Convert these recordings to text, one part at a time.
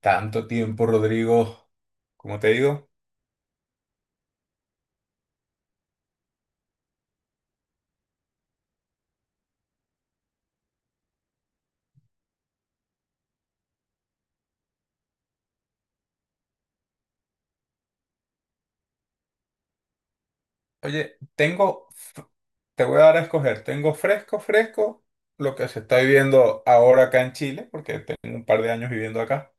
Tanto tiempo, Rodrigo. Como te digo, oye, te voy a dar a escoger, tengo fresco, fresco, lo que se está viviendo ahora acá en Chile, porque tengo un par de años viviendo acá,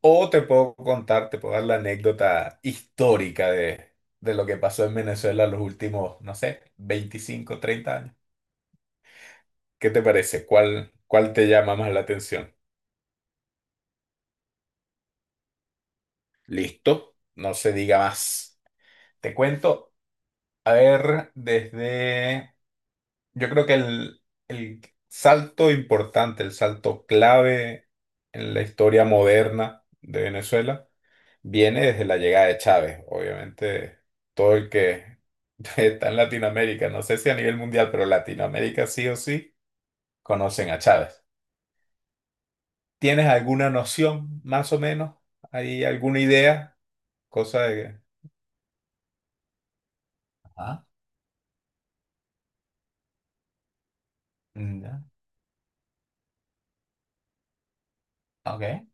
o te puedo contar, te puedo dar la anécdota histórica de lo que pasó en Venezuela los últimos, no sé, 25 30 años. ¿Qué te parece? ¿Cuál te llama más la atención? Listo, no se diga más. Te cuento, a ver, desde. Yo creo que el salto importante, el salto clave en la historia moderna de Venezuela viene desde la llegada de Chávez. Obviamente, todo el que está en Latinoamérica, no sé si a nivel mundial, pero Latinoamérica sí o sí, conocen a Chávez. ¿Tienes alguna noción, más o menos? ¿Hay alguna idea? Cosa de que. Ah, mm, ya, ok.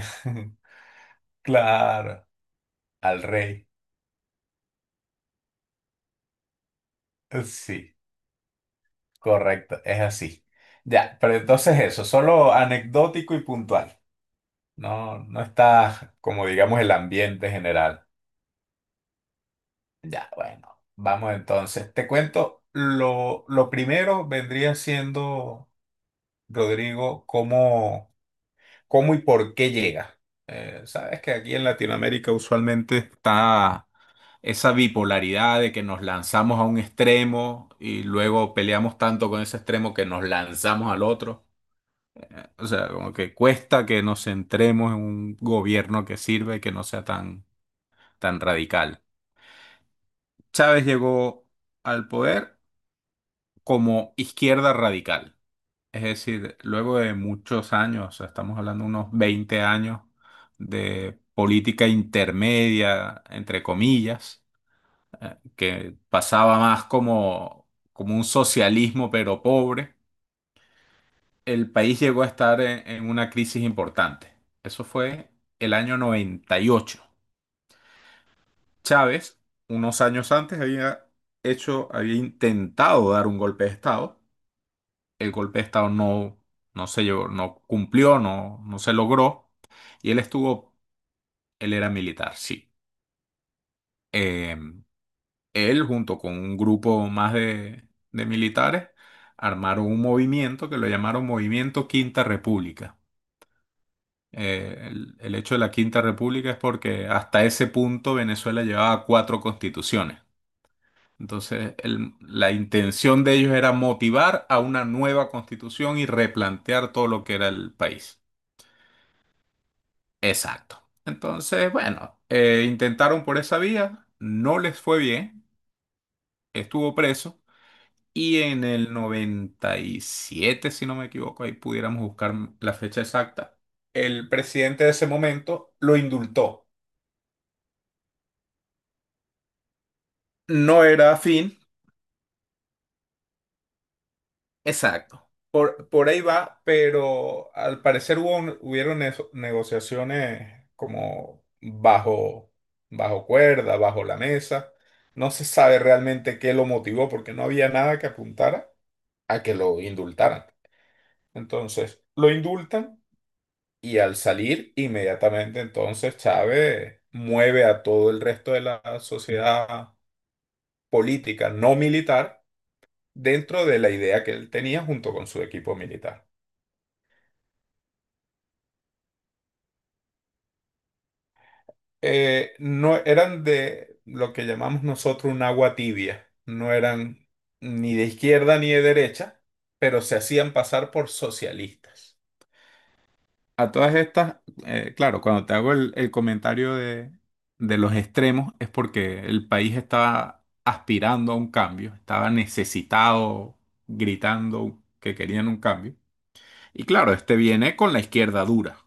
Claro, al rey. Sí. Correcto, es así. Ya, pero entonces eso, solo anecdótico y puntual. No, no está como digamos el ambiente general. Ya, bueno, vamos entonces. Te cuento, lo primero vendría siendo, Rodrigo, cómo y por qué llega. Sabes que aquí en Latinoamérica usualmente está esa bipolaridad de que nos lanzamos a un extremo y luego peleamos tanto con ese extremo que nos lanzamos al otro. O sea, como que cuesta que nos centremos en un gobierno que sirve, que no sea tan radical. Chávez llegó al poder como izquierda radical. Es decir, luego de muchos años, o sea, estamos hablando de unos 20 años de política intermedia, entre comillas, que pasaba más como un socialismo pero pobre, el país llegó a estar en una crisis importante. Eso fue el año 98. Chávez, unos años antes, había intentado dar un golpe de Estado. El golpe de Estado no, no se llevó, no cumplió, no, no se logró. Y él estuvo, él era militar, sí. Eh, Él, junto con un grupo más de militares, armaron un movimiento que lo llamaron Movimiento Quinta República. El hecho de la Quinta República es porque hasta ese punto Venezuela llevaba cuatro constituciones. Entonces, la intención de ellos era motivar a una nueva constitución y replantear todo lo que era el país. Exacto. Entonces, bueno, intentaron por esa vía, no les fue bien, estuvo preso y en el 97, si no me equivoco, ahí pudiéramos buscar la fecha exacta, el presidente de ese momento lo indultó. No era afín. Exacto. Por ahí va, pero al parecer hubo un- hubieron eso- negociaciones como bajo cuerda, bajo la mesa. No se sabe realmente qué lo motivó porque no había nada que apuntara a que lo indultaran. Entonces, lo indultan y al salir, inmediatamente entonces Chávez mueve a todo el resto de la sociedad política no militar dentro de la idea que él tenía junto con su equipo militar. No eran de lo que llamamos nosotros un agua tibia, no eran ni de izquierda ni de derecha, pero se hacían pasar por socialistas. A todas estas, claro, cuando te hago el comentario de los extremos es porque el país estaba aspirando a un cambio, estaba necesitado, gritando que querían un cambio. Y claro, este viene con la izquierda dura.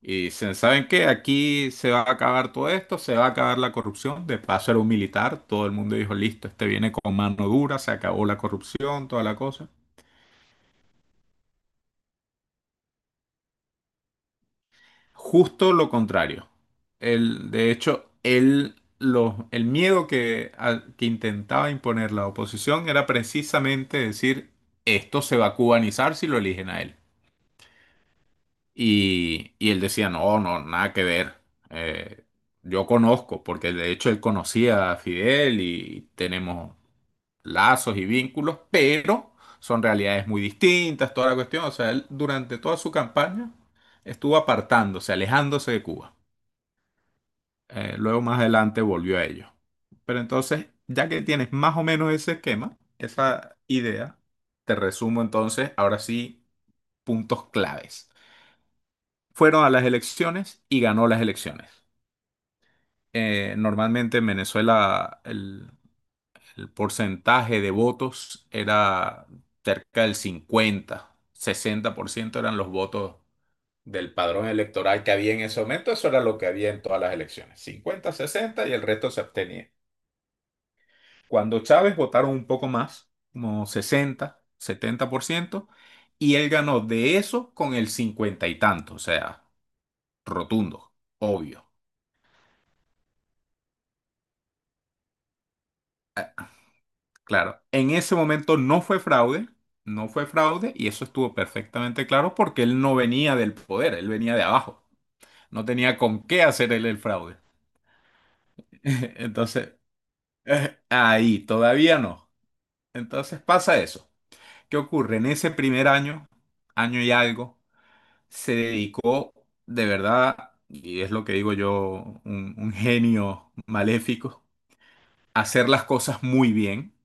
Y dicen, ¿saben qué? Aquí se va a acabar todo esto, se va a acabar la corrupción. De paso era un militar, todo el mundo dijo, listo, este viene con mano dura, se acabó la corrupción, toda la cosa. Justo lo contrario. El, de hecho, el miedo que, que intentaba imponer la oposición era precisamente decir, esto se va a cubanizar si lo eligen a él. Y él decía, no, no, nada que ver. Eh, yo conozco, porque de hecho él conocía a Fidel y tenemos lazos y vínculos, pero son realidades muy distintas, toda la cuestión. O sea, él durante toda su campaña estuvo apartándose, alejándose de Cuba. Luego más adelante volvió a ello. Pero entonces, ya que tienes más o menos ese esquema, esa idea, te resumo entonces, ahora sí, puntos claves. Fueron a las elecciones y ganó las elecciones. Normalmente en Venezuela el porcentaje de votos era cerca del 50, 60% eran los votos del padrón electoral que había en ese momento. Eso era lo que había en todas las elecciones, 50, 60 y el resto se abstenía. Cuando Chávez votaron un poco más, como 60, 70% y él ganó de eso con el 50 y tanto, o sea, rotundo, obvio. Claro, en ese momento no fue fraude, no fue fraude y eso estuvo perfectamente claro porque él no venía del poder, él venía de abajo, no tenía con qué hacer él el fraude. Entonces, ahí, todavía no. Entonces pasa eso. ¿Qué ocurre? En ese primer año, año y algo, se dedicó de verdad, y es lo que digo yo, un genio maléfico, a hacer las cosas muy bien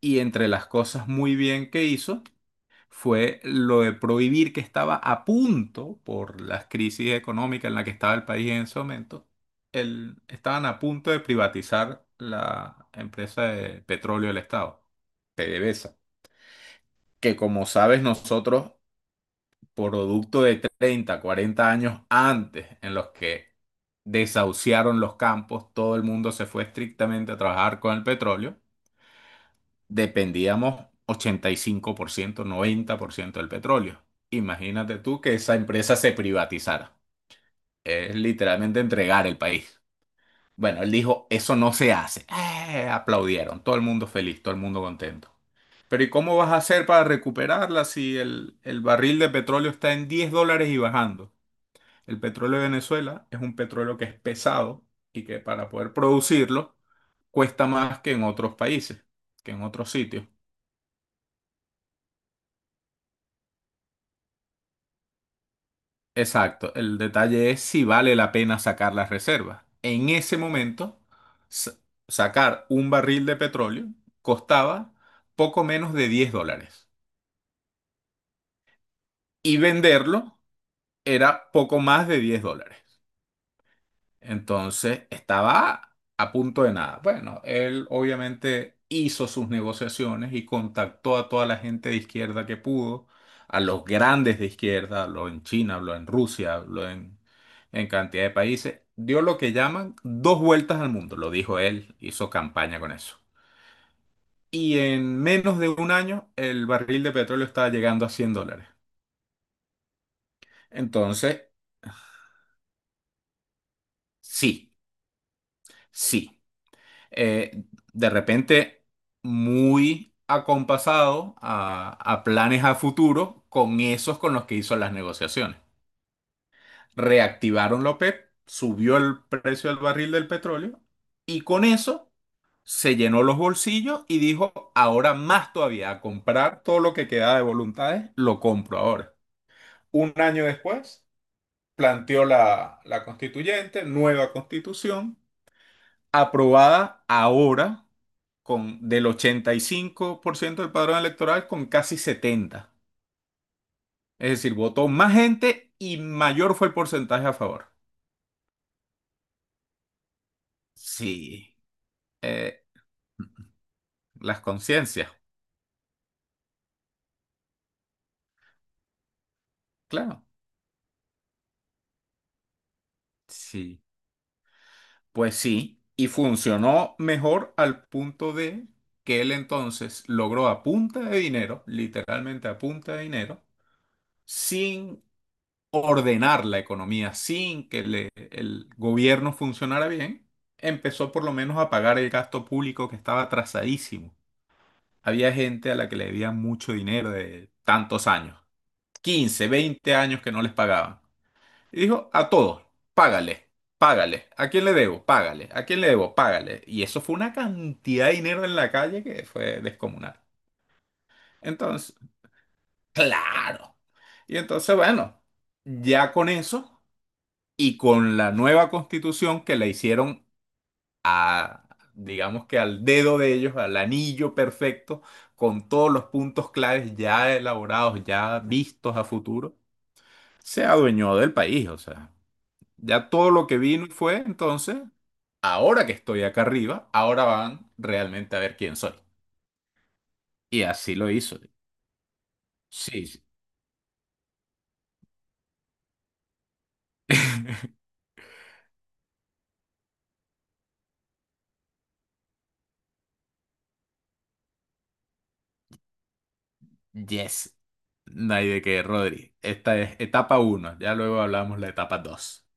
y entre las cosas muy bien que hizo, fue lo de prohibir que estaba a punto, por las crisis económicas en la que estaba el país en ese momento, estaban a punto de privatizar la empresa de petróleo del Estado, PDVSA, que como sabes nosotros, producto de 30 40 años antes en los que desahuciaron los campos, todo el mundo se fue estrictamente a trabajar con el petróleo, dependíamos 85%, 90% del petróleo. Imagínate tú que esa empresa se privatizara. Es literalmente entregar el país. Bueno, él dijo, eso no se hace. Aplaudieron, todo el mundo feliz, todo el mundo contento. Pero ¿y cómo vas a hacer para recuperarla si el barril de petróleo está en $10 y bajando? El petróleo de Venezuela es un petróleo que es pesado y que para poder producirlo cuesta más que en otros países, que en otros sitios. Exacto, el detalle es si vale la pena sacar las reservas. En ese momento, sa- sacar un barril de petróleo costaba poco menos de $10 y venderlo era poco más de $10. Entonces estaba a punto de nada. Bueno, él obviamente hizo sus negociaciones y contactó a toda la gente de izquierda que pudo, a los grandes de izquierda, habló en China, habló en Rusia, habló en cantidad de países. Dio lo que llaman dos vueltas al mundo, lo dijo él, hizo campaña con eso. Y en menos de un año el barril de petróleo estaba llegando a $100. Entonces, sí, sí. eh, de repente muy acompasado a planes a futuro con esos con los que hizo las negociaciones. Reactivaron la OPEP, subió el precio del barril del petróleo y con eso se llenó los bolsillos y dijo, ahora más todavía, a comprar todo lo que queda de voluntades, lo compro ahora. Un año después, planteó la constituyente, nueva constitución, aprobada ahora con del 85% del padrón electoral con casi 70. Es decir, votó más gente y mayor fue el porcentaje a favor. Sí, eh, las conciencias, claro. Sí. Pues sí, y funcionó mejor al punto de que él entonces logró a punta de dinero, literalmente a punta de dinero, sin ordenar la economía sin que el gobierno funcionara bien, empezó por lo menos a pagar el gasto público que estaba atrasadísimo. Había gente a la que le debían mucho dinero de tantos años, 15 20 años que no les pagaban. Y dijo, a todos, págale, págale. ¿A quién le debo? Págale. ¿A quién le debo? Págale. Y eso fue una cantidad de dinero en la calle que fue descomunal. Entonces, claro. Y entonces, bueno, ya con eso y con la nueva constitución que la hicieron a, digamos que al dedo de ellos, al anillo perfecto, con todos los puntos claves ya elaborados, ya vistos a futuro, se adueñó del país, o sea, ya todo lo que vino y fue, entonces, ahora que estoy acá arriba, ahora van realmente a ver quién soy. Y así lo hizo. Sí, sí. Yes. No hay de qué, Rodri. Esta es etapa uno. Ya luego hablamos la etapa 2.